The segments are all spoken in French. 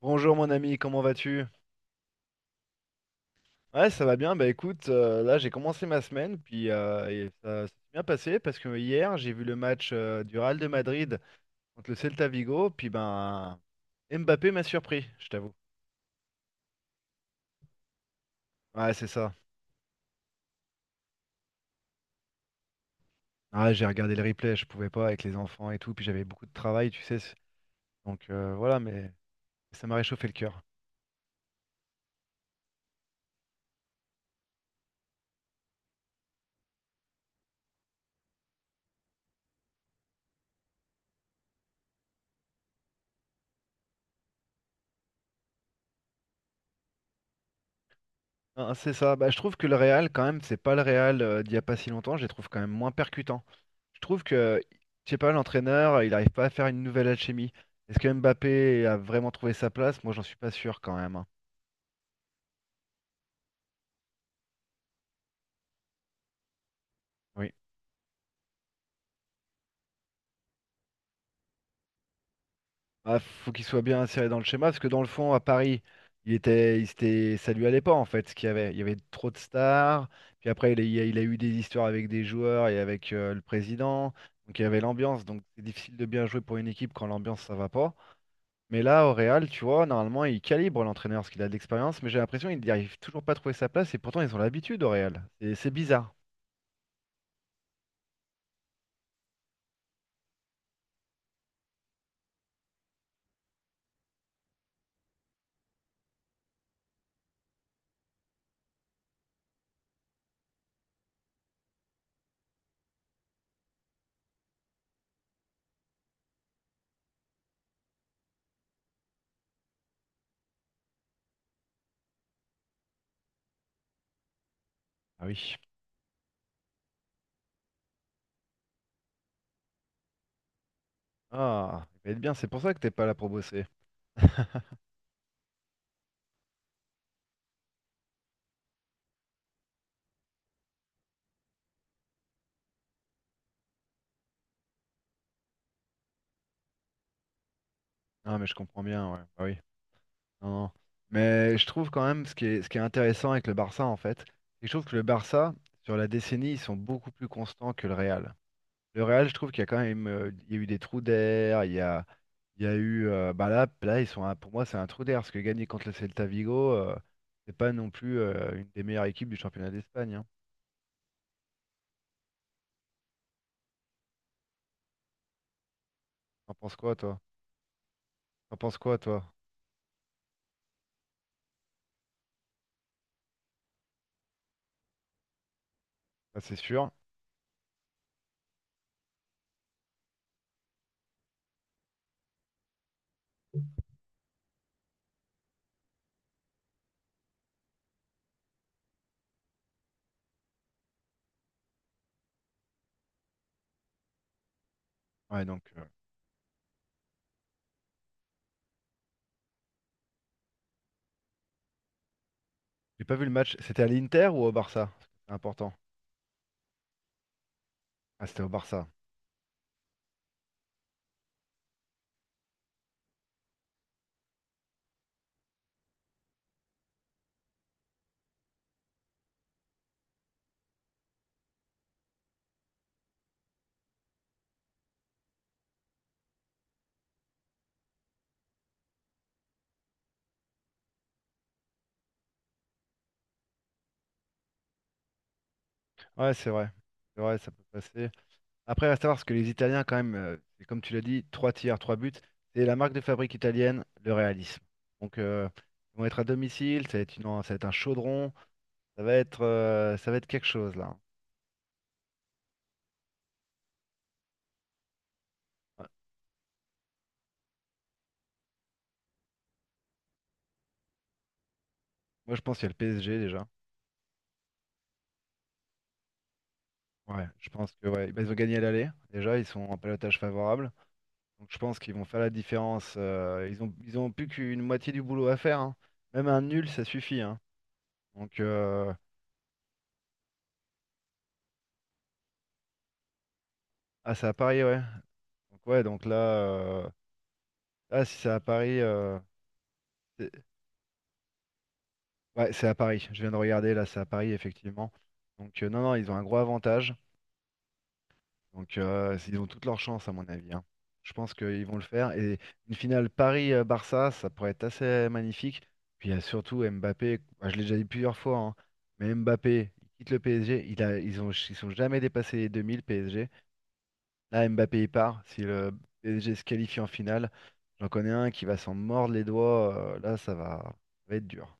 Bonjour mon ami, comment vas-tu? Ouais, ça va bien. Bah écoute, là j'ai commencé ma semaine, puis et ça s'est bien passé parce que hier j'ai vu le match du Real de Madrid contre le Celta Vigo, puis ben Mbappé m'a surpris, je t'avoue. Ouais, c'est ça. Ah, j'ai regardé le replay, je pouvais pas avec les enfants et tout, puis j'avais beaucoup de travail, tu sais. Donc voilà, mais ça m'a réchauffé le cœur. Ah, c'est ça. Bah je trouve que le Real quand même, c'est pas le Real d'il y a pas si longtemps. Je les trouve quand même moins percutants. Je trouve que, je sais pas, l'entraîneur, il n'arrive pas à faire une nouvelle alchimie. Est-ce que Mbappé a vraiment trouvé sa place? Moi, j'en suis pas sûr quand même, hein. Oui. Ah, faut qu'il soit bien inséré dans le schéma, parce que dans le fond, à Paris, il était, il s'était- ça lui allait pas en fait, ce qu'il y avait. Il y avait trop de stars. Puis après, il a eu des histoires avec des joueurs et avec le président. Donc il y avait l'ambiance. Donc c'est difficile de bien jouer pour une équipe quand l'ambiance ça va pas. Mais là, au Real, tu vois, normalement, il calibre l'entraîneur parce qu'il a de l'expérience, mais j'ai l'impression qu'il n'arrive toujours pas à trouver sa place et pourtant ils ont l'habitude au Real. C'est bizarre. Ah oui. Ah, il va être bien, c'est pour ça que t'es pas là pour bosser. Non, mais je comprends bien, ouais. Bah oui. Non, non. Mais je trouve quand même ce qui est intéressant avec le Barça, en fait, c'est que je trouve que le Barça, sur la décennie, ils sont beaucoup plus constants que le Real. Le Real, je trouve qu'il y a quand même il y a eu des trous d'air, il y a eu bah là, là ils sont pour moi c'est un trou d'air parce que gagner contre le Celta Vigo, c'est pas non plus une des meilleures équipes du championnat d'Espagne, hein. T'en penses quoi toi? T'en penses quoi toi? Ça c'est sûr. Ouais donc j'ai pas vu le match. C'était à l'Inter ou au Barça? C'est important. Ah c'était au Barça. Ouais c'est vrai. C'est vrai, ça peut passer. Après, il va savoir ce que les Italiens, quand même, c'est comme tu l'as dit, trois tiers, trois buts. C'est la marque de fabrique italienne, le réalisme. Donc, ils vont être à domicile, ça va être un chaudron, ça va être quelque chose là. Ouais. Moi, je pense qu'il y a le PSG déjà. Ouais, je pense que ouais, bah, ils ont gagné à l'aller. Déjà, ils sont en pelotage favorable. Donc, je pense qu'ils vont faire la différence. Ils ont plus qu'une moitié du boulot à faire, hein. Même un nul, ça suffit, hein. Donc, ah, ça à Paris, ouais. Donc, ouais, donc là, là, si ça à Paris. Ouais, c'est à Paris. Je viens de regarder, là, c'est à Paris, effectivement. Donc, non, non, ils ont un gros avantage. Donc, ils ont toute leur chance, à mon avis, hein. Je pense qu'ils vont le faire. Et une finale Paris-Barça, ça pourrait être assez magnifique. Puis, il y a surtout Mbappé. Bah, je l'ai déjà dit plusieurs fois, hein, mais Mbappé, il quitte le PSG. Ils ils sont jamais dépassés les 2000, PSG. Là, Mbappé, il part. Si le PSG se qualifie en finale, j'en connais un qui va s'en mordre les doigts. Là, ça va être dur.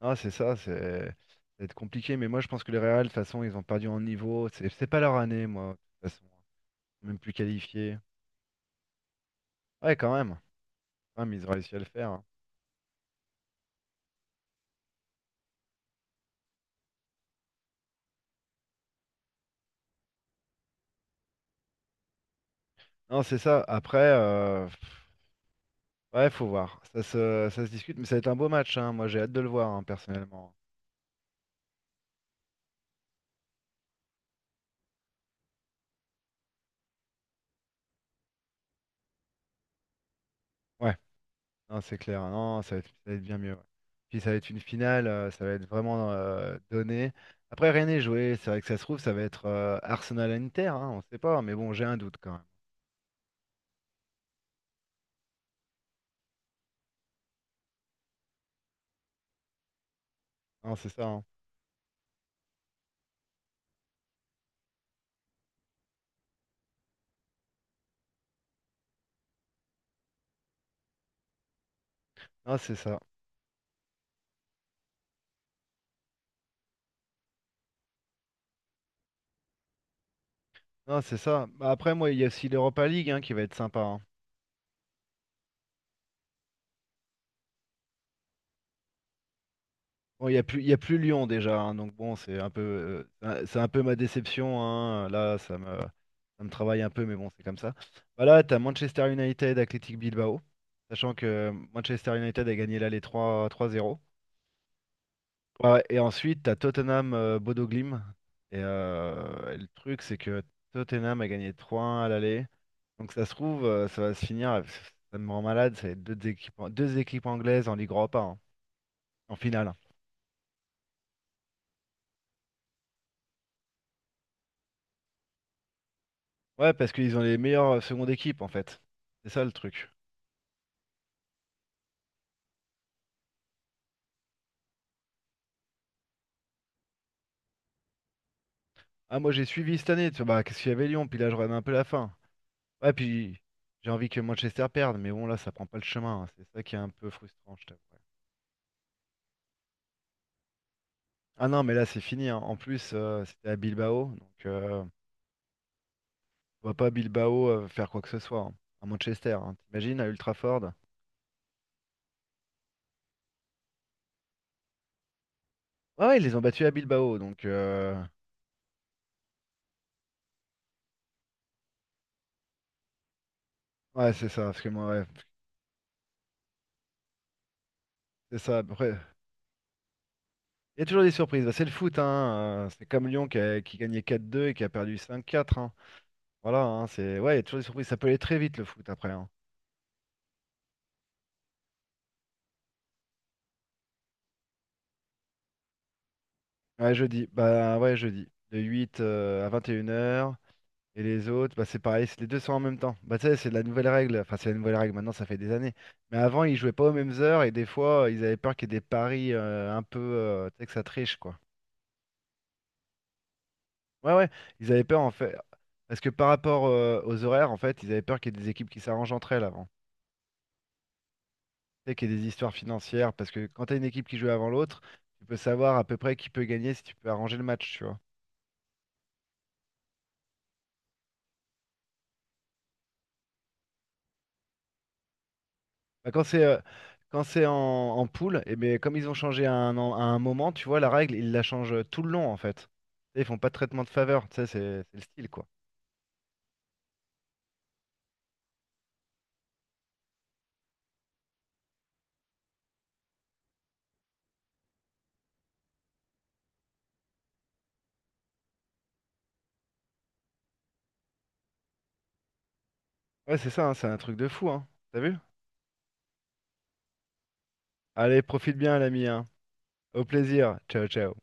Ah, c'est ça va être compliqué, mais moi je pense que les Real, de toute façon, ils ont perdu en niveau. C'est pas leur année, moi, de toute façon. Même plus qualifiés. Ouais, quand même. Quand même, ils ont réussi à le faire, hein. Non, c'est ça. Après, pff, ouais, faut voir. Ça se discute, mais ça va être un beau match, hein. Moi, j'ai hâte de le voir, hein, personnellement. Ouais, non, c'est clair. Non, ça va être bien mieux, ouais. Puis ça va être une finale, ça va être vraiment donné. Après, rien n'est joué. C'est vrai que ça se trouve, ça va être Arsenal-Inter, hein, on sait pas, mais bon, j'ai un doute quand même. Non, c'est ça, hein. Non, c'est ça. Non, c'est ça. Bah, après, moi, il y a aussi l'Europa League, hein, qui va être sympa, hein. Bon, il y a plus Lyon déjà, hein, donc bon, c'est un peu, c'est un peu ma déception, hein. Là, ça me travaille un peu, mais bon, c'est comme ça. Bah là, t'as Manchester United, Athletic Bilbao, sachant que Manchester United a gagné là les trois zéro. Ouais, et ensuite, t'as Tottenham, Bodo Glimt. Et le truc, c'est que Tottenham a gagné trois 1 à l'aller. Donc ça se trouve, ça va se finir, ça me rend malade, ça va être deux équipes anglaises en Ligue Europa, hein, en finale. Ouais, parce qu'ils ont les meilleures secondes équipes, en fait. C'est ça le truc. Ah, moi j'ai suivi cette année, tu vois, bah, qu'est-ce qu'il y avait Lyon, puis là je regarde un peu la fin. Ouais, puis j'ai envie que Manchester perde, mais bon, là ça prend pas le chemin, hein. C'est ça qui est un peu frustrant, je t'avoue. Ah non, mais là c'est fini, hein. En plus, c'était à Bilbao, donc on va pas à Bilbao faire quoi que ce soit, hein. À Manchester, hein. T'imagines, à Ultraford. Ouais, ouais, ils les ont battus à Bilbao, donc... ouais, c'est ça, parce que moi, ouais, c'est ça. Après, il y a toujours des surprises. Bah, c'est le foot, hein. C'est comme Lyon qui, qui gagnait 4-2 et qui a perdu 5-4, hein. Voilà, hein, c'est... Ouais, il y a toujours des surprises. Ça peut aller très vite, le foot, après, hein. Ouais, jeudi. Bah, ouais, jeudi. De 8 à 21 heures. Et les autres, bah, c'est pareil, c'est les deux sont en même temps. Bah, tu sais, c'est la nouvelle règle. Enfin, c'est la nouvelle règle, maintenant, ça fait des années. Mais avant, ils jouaient pas aux mêmes heures et des fois, ils avaient peur qu'il y ait des paris un peu... tu sais, que ça triche, quoi. Ouais, ouais, ils avaient peur en fait. Parce que par rapport aux horaires, en fait, ils avaient peur qu'il y ait des équipes qui s'arrangent entre elles avant. Tu sais, qu'il y ait des histoires financières. Parce que quand tu as une équipe qui joue avant l'autre, tu peux savoir à peu près qui peut gagner si tu peux arranger le match, tu vois. Bah, quand c'est en poule, et bien, comme ils ont changé à un moment, tu vois, la règle, ils la changent tout le long, en fait. Tu sais, ils font pas de traitement de faveur, tu sais, c'est le style, quoi. Ouais, c'est ça, hein, c'est un truc de fou, hein. T'as vu? Allez, profite bien, l'ami, hein. Au plaisir. Ciao, ciao.